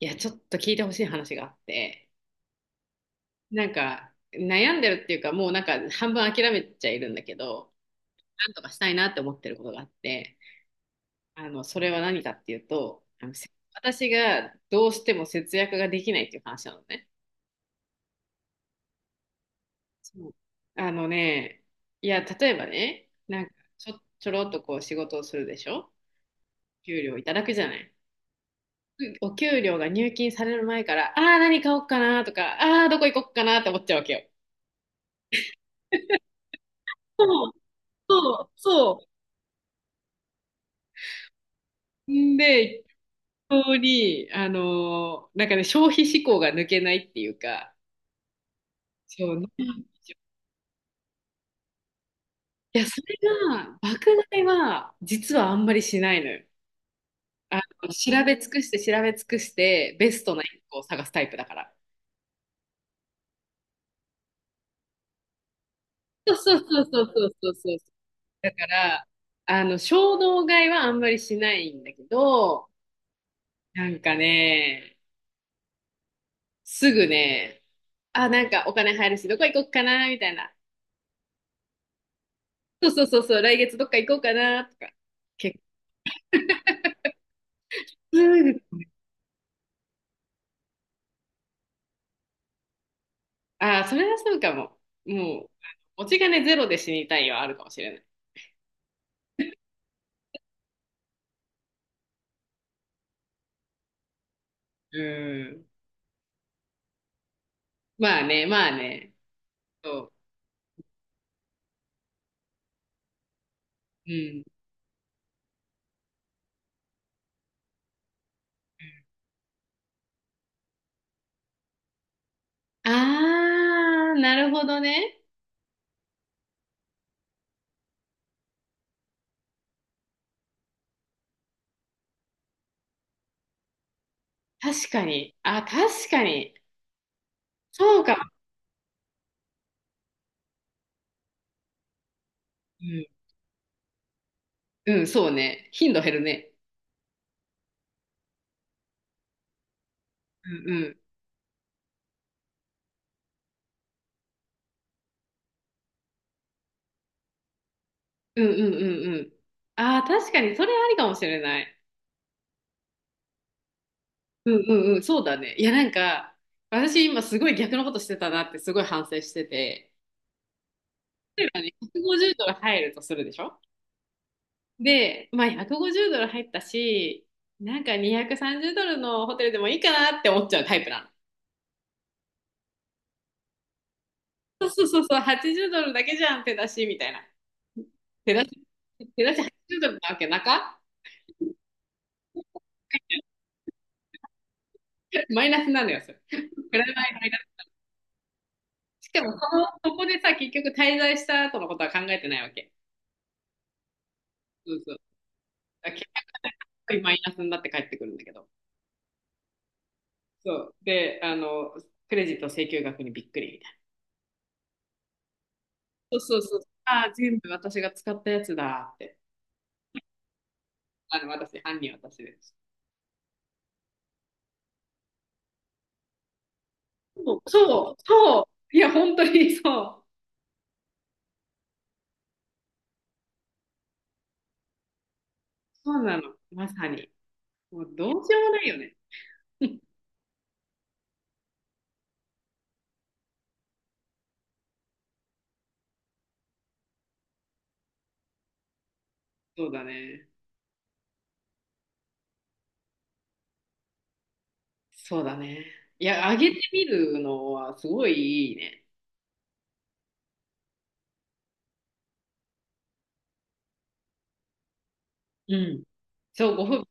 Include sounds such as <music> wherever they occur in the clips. いや、ちょっと聞いてほしい話があって、なんか悩んでるっていうか、もうなんか半分諦めちゃいるんだけど、なんとかしたいなって思ってることがあって、それは何かっていうと、私がどうしても節約ができないっていう話なのね。そう。あのね、いや、例えばね、なんかちょろっとこう仕事をするでしょ。給料いただくじゃない。お給料が入金される前から、何買おうかなとか、どこ行こうかなって思っちゃうわけよ。そう、そう。んで、一通になんかね、消費志向が抜けないっていうか、そう、なんでしょういや、それが、爆買いは、実はあんまりしないのよ。調べ尽くして、調べ尽くして、ベストな一個を探すタイプだから。そうそうそうそうそうそうそう。だから、衝動買いはあんまりしないんだけど、なんかね、すぐね、あ、なんかお金入るし、どこ行こうかな、みたいな。そうそうそうそう、来月どっか行こうかな、とか。結そうです。それはそうかも。もう、持ち金ゼロで死にたいはあるかもしれない。うん。まあね、まあね。そう。うん。なるほどね。確かに。あ、確かに。そうかも。うん、うん、そうね。頻度減るね。うん、うん。うん、うん、うん、うん。ああ、確かに、それありかもしれない。うん、うん、うん、そうだね。いや、なんか、私今すごい逆のことしてたなってすごい反省してて。例えばね、150ドル入るとするでしょ。で、まあ150ドル入ったし、なんか230ドルのホテルでもいいかなって思っちゃうタイプなの。そうそうそうそう、80ドルだけじゃん、手出し、みたいな。手出し、手出し80ドルなわけなか。 <laughs> マイナスなのよ、それ。プラマイマイナス。しかもその、そこでさ、結局滞在した後のことは考えてないわけ。そうそう。だから結局マイナスになって帰ってくるんだけど。そう。で、クレジット請求額にびっくりみたいな。そうそうそう。ああ、全部私が使ったやつだって。私、犯人私です。そう。そう、そう。いや、本当にそう。そうなの。まさに。もうどうしようもないよね。<laughs> そうだね。そうだね。いや、あげてみるのはすごいいいね。うん。そう、ご褒美、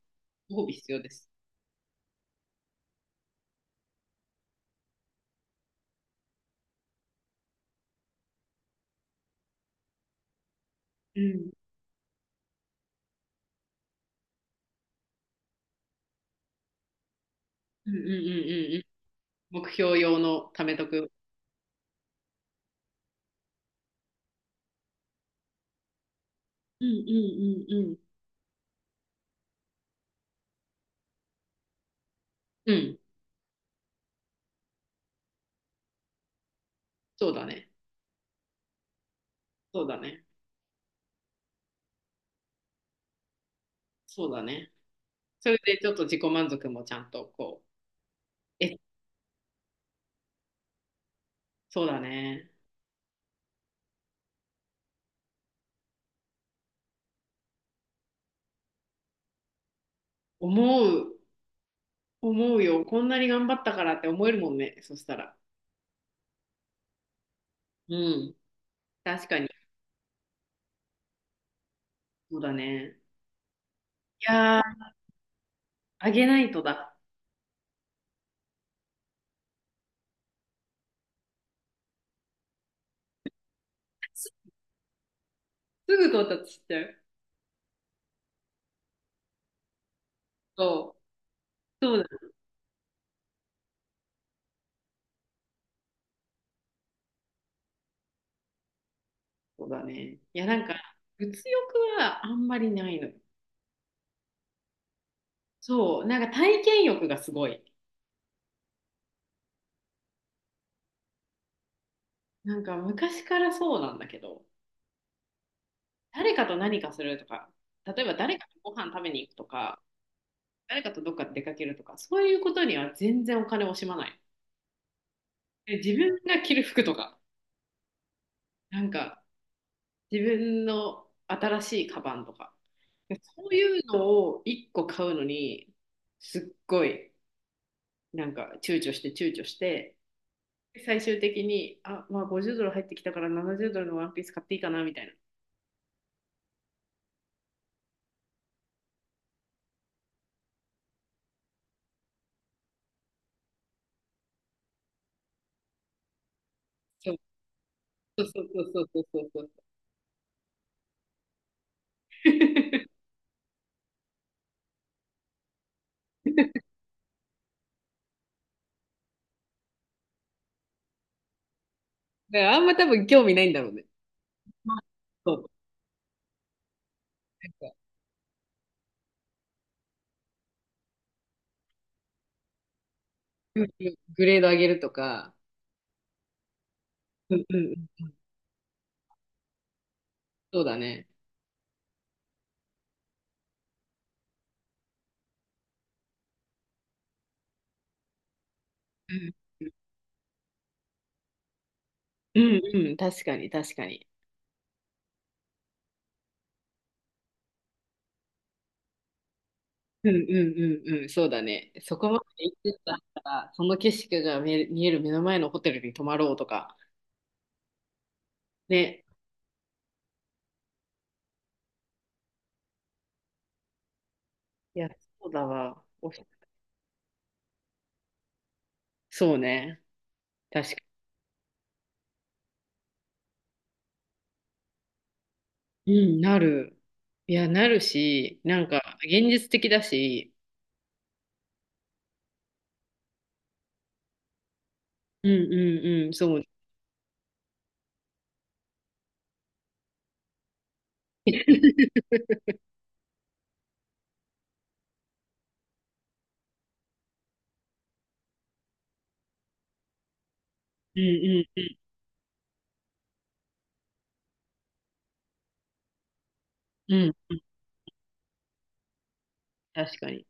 ご褒美必要です。うん。うんうんうんうんうん。目標用の貯めとく。うんうんうんうん。うん。そうだね。そうだね。そうだね。それでちょっと自己満足もちゃんとこう、そうだね。思う思うよ。こんなに頑張ったからって思えるもんね。そしたら。うん。確かに。そうだね。いやー、あげないとだ。すぐ到達しちゃう。そう。そうだ。そうだね。いや、なんか、物欲はあんまりないのよ。そう。なんか体験欲がすごい。なんか昔からそうなんだけど、誰かと何かするとか、例えば誰かとご飯食べに行くとか、誰かとどっか出かけるとか、そういうことには全然お金を惜しまない。で自分が着る服とか、なんか、自分の新しいカバンとか。そういうのを1個買うのに、すっごい、なんか躊躇して躊躇して、最終的に、あ、まあ50ドル入ってきたから70ドルのワンピース買っていいかな、みたいな。そうそうそうそうそうそうそう。<laughs> だからあんま多分興味ないんだろうね。まあそう。なんかググレード上げるとか、うんうんそうだね。うん、うん、うん、確かに、確かに。うんうんうんうん、そうだね。そこまで行ってたら、その景色が見える、見える目の前のホテルに泊まろうとか。ね。いや、そうだわ。そうね。確かに。うん、なる。いや、なるし、なんか、現実的だし、うんうんうん、そうね。うんうんうんうん。確かに。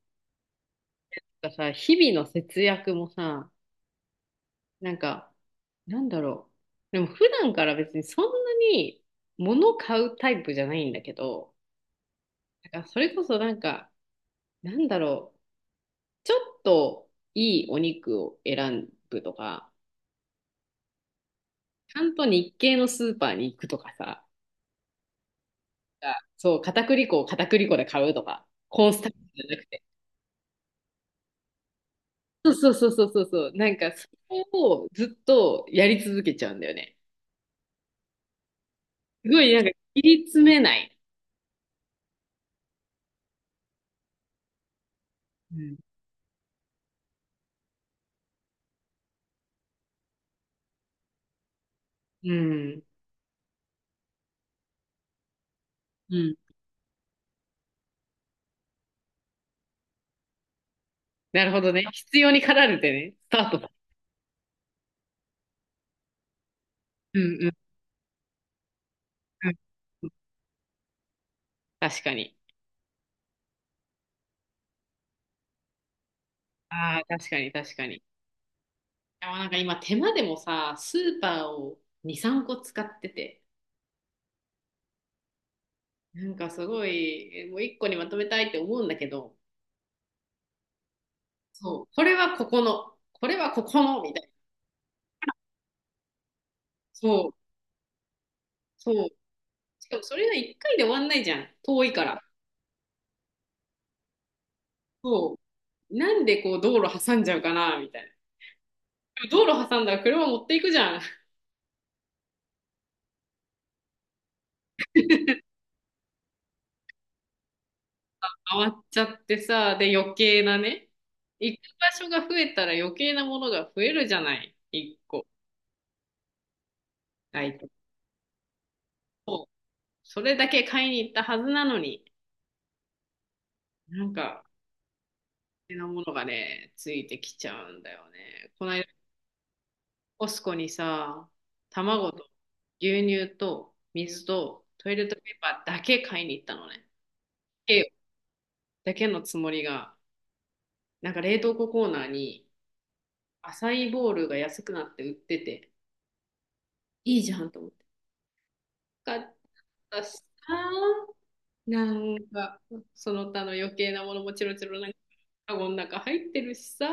なんからさ、日々の節約もさ、なんか、なんだろう。でも、普段から別にそんなに物買うタイプじゃないんだけど、なんかそれこそなんか、なんだろう、ちょっといいお肉を選ぶとか、ちゃんと日系のスーパーに行くとかさ、あそう、片栗粉を片栗粉で買うとか、コーンスタッフじゃなくて。そうそうそうそうそうそう、なんかそれをずっとやり続けちゃうんだよね。すごいなんか切り詰めない。うん。うん。うん。なるほどね。必要に駆られてね、スタートだ。うんうんうん。確かに。ああ、確かに、確かに。あ、なんか今手間でもさ、スーパーを2、3個使ってて、なんかすごい、もう1個にまとめたいって思うんだけど、そう、これはここの、これはここの、みたいな。そう、そう。しかもそれが1回で終わんないじゃん。遠いから。そう。なんでこう道路挟んじゃうかな、みたいな。でも道路挟んだら車持っていくじゃん。回っちゃってさ、で余計なね。行く場所が増えたら余計なものが増えるじゃない。1個。はい。それだけ買いに行ったはずなのに、なんか、手なものがね、ついてきちゃうんだよね。この間、コスコにさ、卵と牛乳と水とトイレットペーパーだけ買いに行ったのね。えだけのつもりが、なんか冷凍庫コーナーにアサイーボウルが安くなって売ってて、いいじゃんと思って。買ったしさ、なんか、その他の余計なものもチロチロなんか、カゴの中入ってるしさ、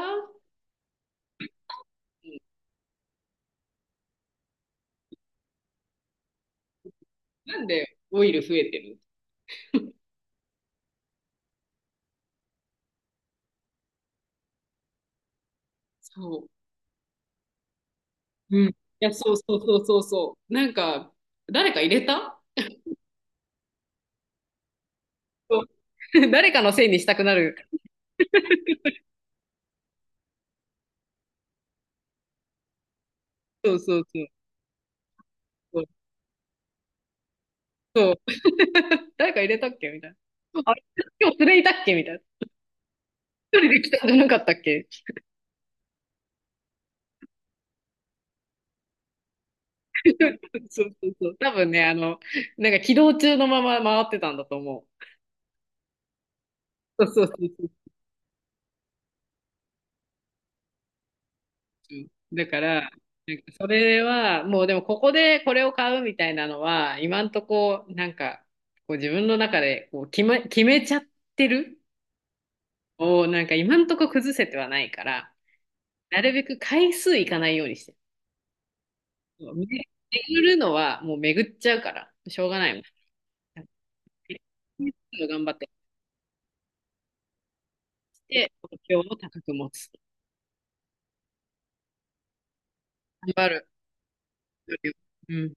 なんでオイル増えてる。そう。うん。いや、そうそうそうそうそう。なんか、誰か入れた。そう。 <laughs> 誰かのせいにしたくなる。そうそうそう。そう。そう。 <laughs> 誰か入れたっけみたいな。あれ、今日連れいたっけみたいな。一人で来たんじゃなかったっけ。 <laughs> そうそうそう。多分ね、なんか起動中のまま回ってたんだと思う。そうそうそう。うん。だから、なんかそれは、もうでもここでこれを買うみたいなのは、今んとこ、なんか、こう自分の中でこう決めちゃってるを、なんか今んとこ崩せてはないから、なるべく回数いかないようにしてる。そう、巡るのはもう巡っちゃうから、しょうがないもん。頑張ってきて、目標を高く持つ。頑張る。うん。